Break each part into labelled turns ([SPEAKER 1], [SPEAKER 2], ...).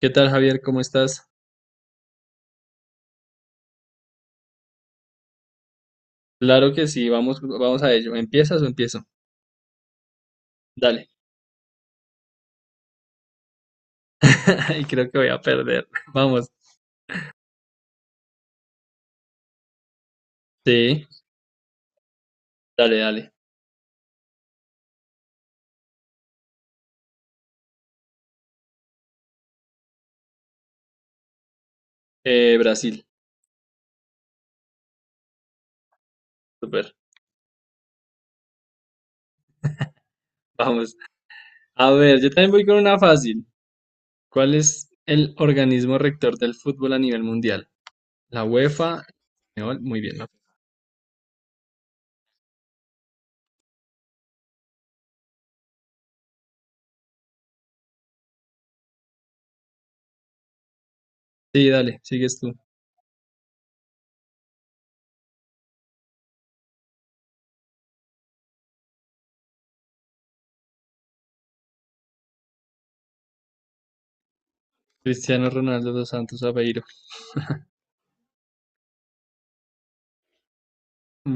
[SPEAKER 1] ¿Qué tal, Javier? ¿Cómo estás? Claro que sí, vamos, vamos a ello. ¿Empiezas o empiezo? Dale. Y creo que voy a perder. Vamos. Sí, dale, dale. Brasil. Super. Vamos. A ver, yo también voy con una fácil. ¿Cuál es el organismo rector del fútbol a nivel mundial? La UEFA. No, muy bien, ¿no? Sí, dale, sigues tú. Cristiano Ronaldo dos Santos Aveiro.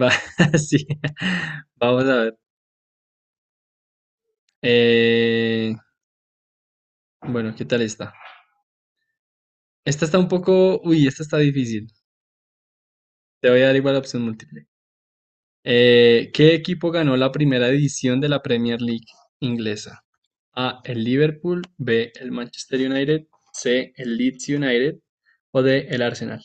[SPEAKER 1] Va, sí. Vamos a ver. Eh, bueno, ¿qué tal está? Esta está un poco. Uy, esta está difícil. Te voy a dar igual la opción múltiple. ¿Qué equipo ganó la primera edición de la Premier League inglesa? A, el Liverpool, B, el Manchester United, C, el Leeds United o D, el Arsenal.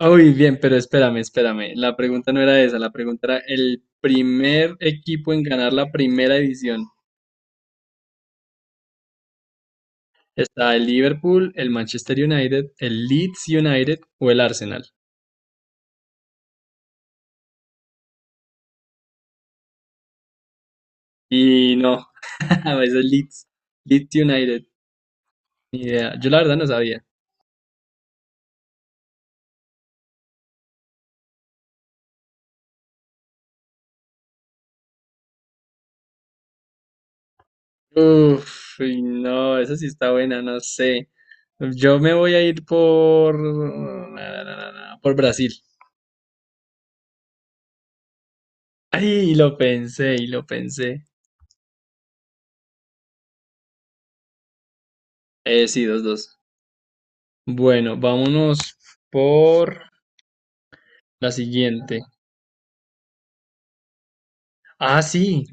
[SPEAKER 1] Uy, bien, pero espérame, espérame. La pregunta no era esa, la pregunta era el primer equipo en ganar la primera edición. Está el Liverpool, el Manchester United, el Leeds United o el Arsenal. Y no, es el Leeds, Leeds United. Ni idea. Yo la verdad no sabía. Uf, uy, no, esa sí está buena, no sé. Yo me voy a ir por... na, na, na, na, na, por Brasil. Ay, lo pensé, y lo pensé. Sí, dos, dos. Bueno, vámonos por la siguiente. Ah, sí,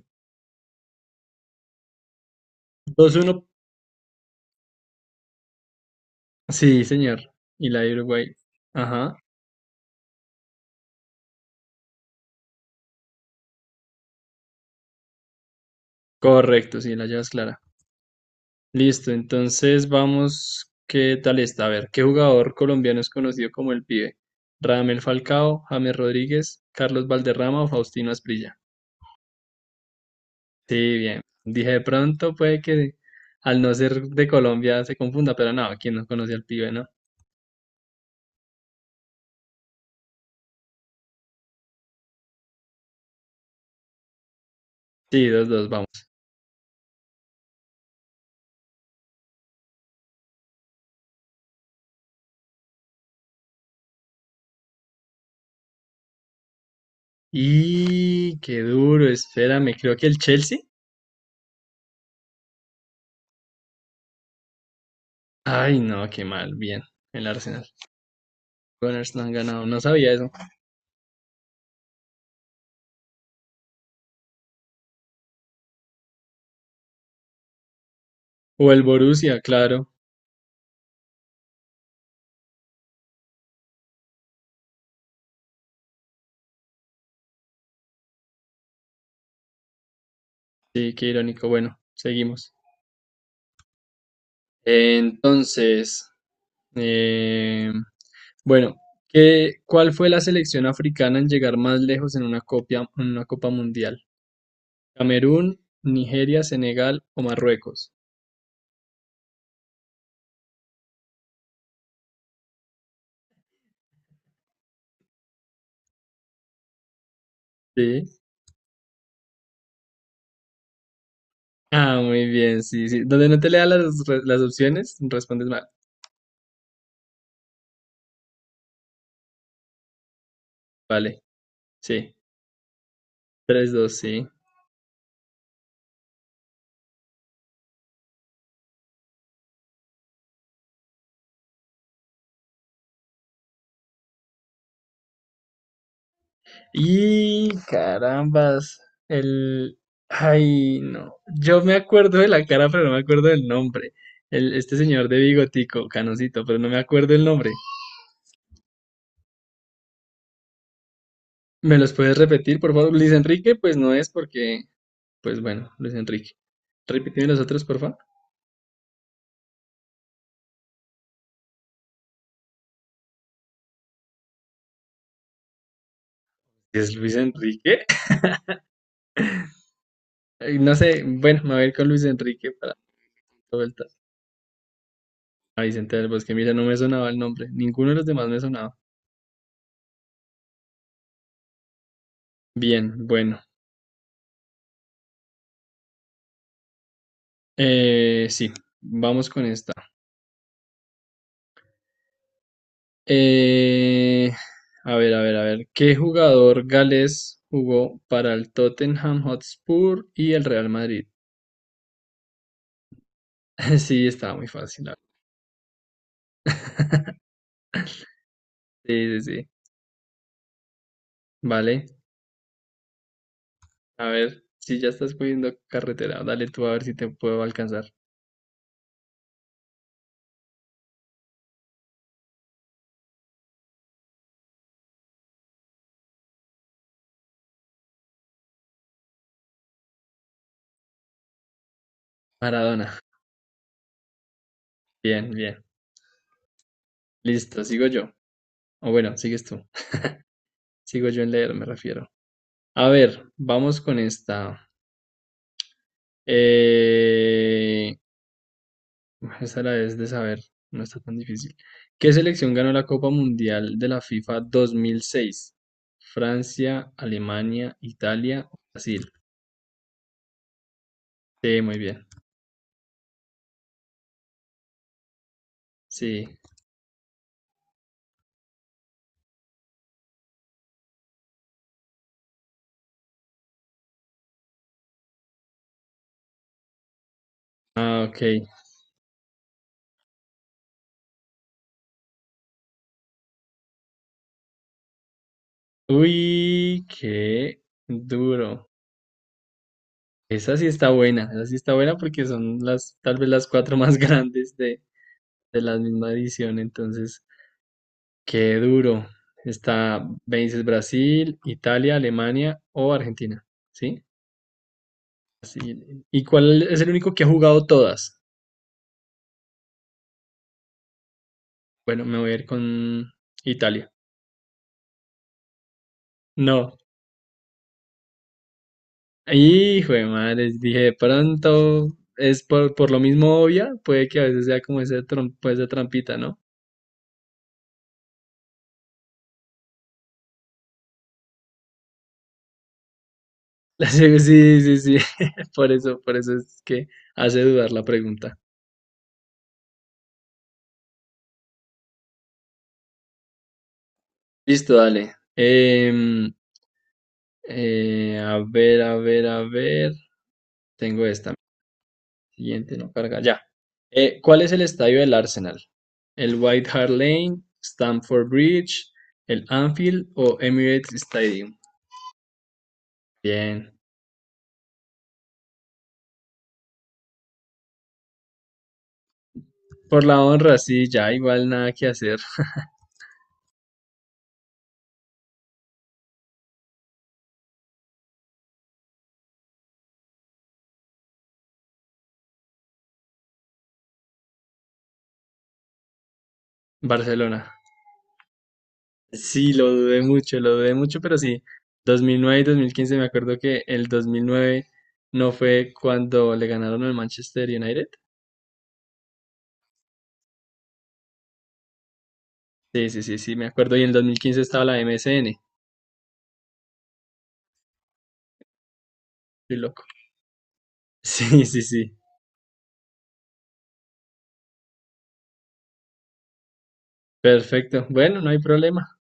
[SPEAKER 1] dos, uno. Sí, señor. Y la de Uruguay. Ajá, correcto, sí, la llevas clara. Listo, entonces vamos, ¿qué tal está? A ver, ¿qué jugador colombiano es conocido como el Pibe? Radamel Falcao, James Rodríguez, Carlos Valderrama o Faustino Asprilla. Sí, bien. Dije, de pronto puede que al no ser de Colombia se confunda, pero no, ¿quién no conoce al Pibe, no? Sí, dos, dos, vamos. Y qué duro, espérame, creo que el Chelsea. Ay, no, qué mal, bien, el Arsenal. Gunners no han ganado, no sabía eso. O el Borussia, claro. Sí, qué irónico. Bueno, seguimos. Entonces, eh, bueno, ¿cuál fue la selección africana en llegar más lejos en una en una Copa Mundial? ¿Camerún, Nigeria, Senegal o Marruecos? Sí. Ah, muy bien, sí, sí. Donde no te lea las, las opciones, respondes mal. Vale, sí. Tres, dos, sí. Y carambas, el... Ay, no. Yo me acuerdo de la cara, pero no me acuerdo del nombre. Este señor de bigotico, canosito, pero no me acuerdo el nombre. ¿Me los puedes repetir, por favor? Luis Enrique, pues no es porque. Pues bueno, Luis Enrique. Repíteme los otros, por favor. ¿Es Luis Enrique? Ay, no sé, bueno, me voy a ir con Luis Enrique para la vuelta. A Vicente del Bosque, mira, no me sonaba el nombre. Ninguno de los demás me sonaba. Bien, bueno. Sí, vamos con esta. Eh, a ver, a ver, a ver. ¿Qué jugador galés jugó para el Tottenham Hotspur y el Real Madrid? Sí, estaba muy fácil, la verdad. Sí, sí, sí. Vale. A ver, si ya estás cogiendo carretera, dale tú a ver si te puedo alcanzar. Maradona. Bien, bien. Listo, sigo yo. O bueno, sigues tú. Sigo yo en leer, me refiero. A ver, vamos con esta. Eh, Esta la debes de saber, no está tan difícil. ¿Qué selección ganó la Copa Mundial de la FIFA 2006? Francia, Alemania, Italia, Brasil. Sí, muy bien. Sí. Ah, ok. Uy, qué duro. Esa sí está buena, esa sí está buena porque son tal vez las cuatro más grandes de, la misma edición. Entonces, qué duro. Me dices Brasil, Italia, Alemania o Argentina. ¿Sí? Sí, ¿Y cuál es el único que ha jugado todas? Bueno, me voy a ir con Italia. No. Hijo de madre, dije, de pronto es por lo mismo obvia, puede que a veces sea como ese, esa trampita, ¿no? Sí, sí, sí, por eso es que hace dudar la pregunta. Listo, dale. A ver, a ver, a ver. Tengo esta. Siguiente, no carga. Ya. ¿Cuál es el estadio del Arsenal? ¿El White Hart Lane, Stamford Bridge, el Anfield o Emirates Stadium? Bien. Por la honra, sí, ya igual nada que hacer. Barcelona. Sí, lo dudé mucho, pero sí. 2009 y 2015 me acuerdo que el 2009 no fue cuando le ganaron al Manchester United. Sí, sí, sí, sí, me acuerdo. Y en el 2015 estaba la MSN. Estoy loco. Sí, sí, sí. Perfecto. Bueno, no hay problema.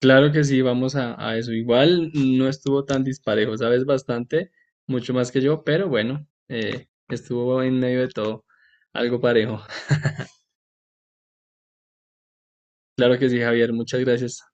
[SPEAKER 1] Claro que sí, vamos a eso. Igual no estuvo tan disparejo, sabes bastante, mucho más que yo, pero bueno, estuvo en medio de todo algo parejo. Claro que sí, Javier, muchas gracias.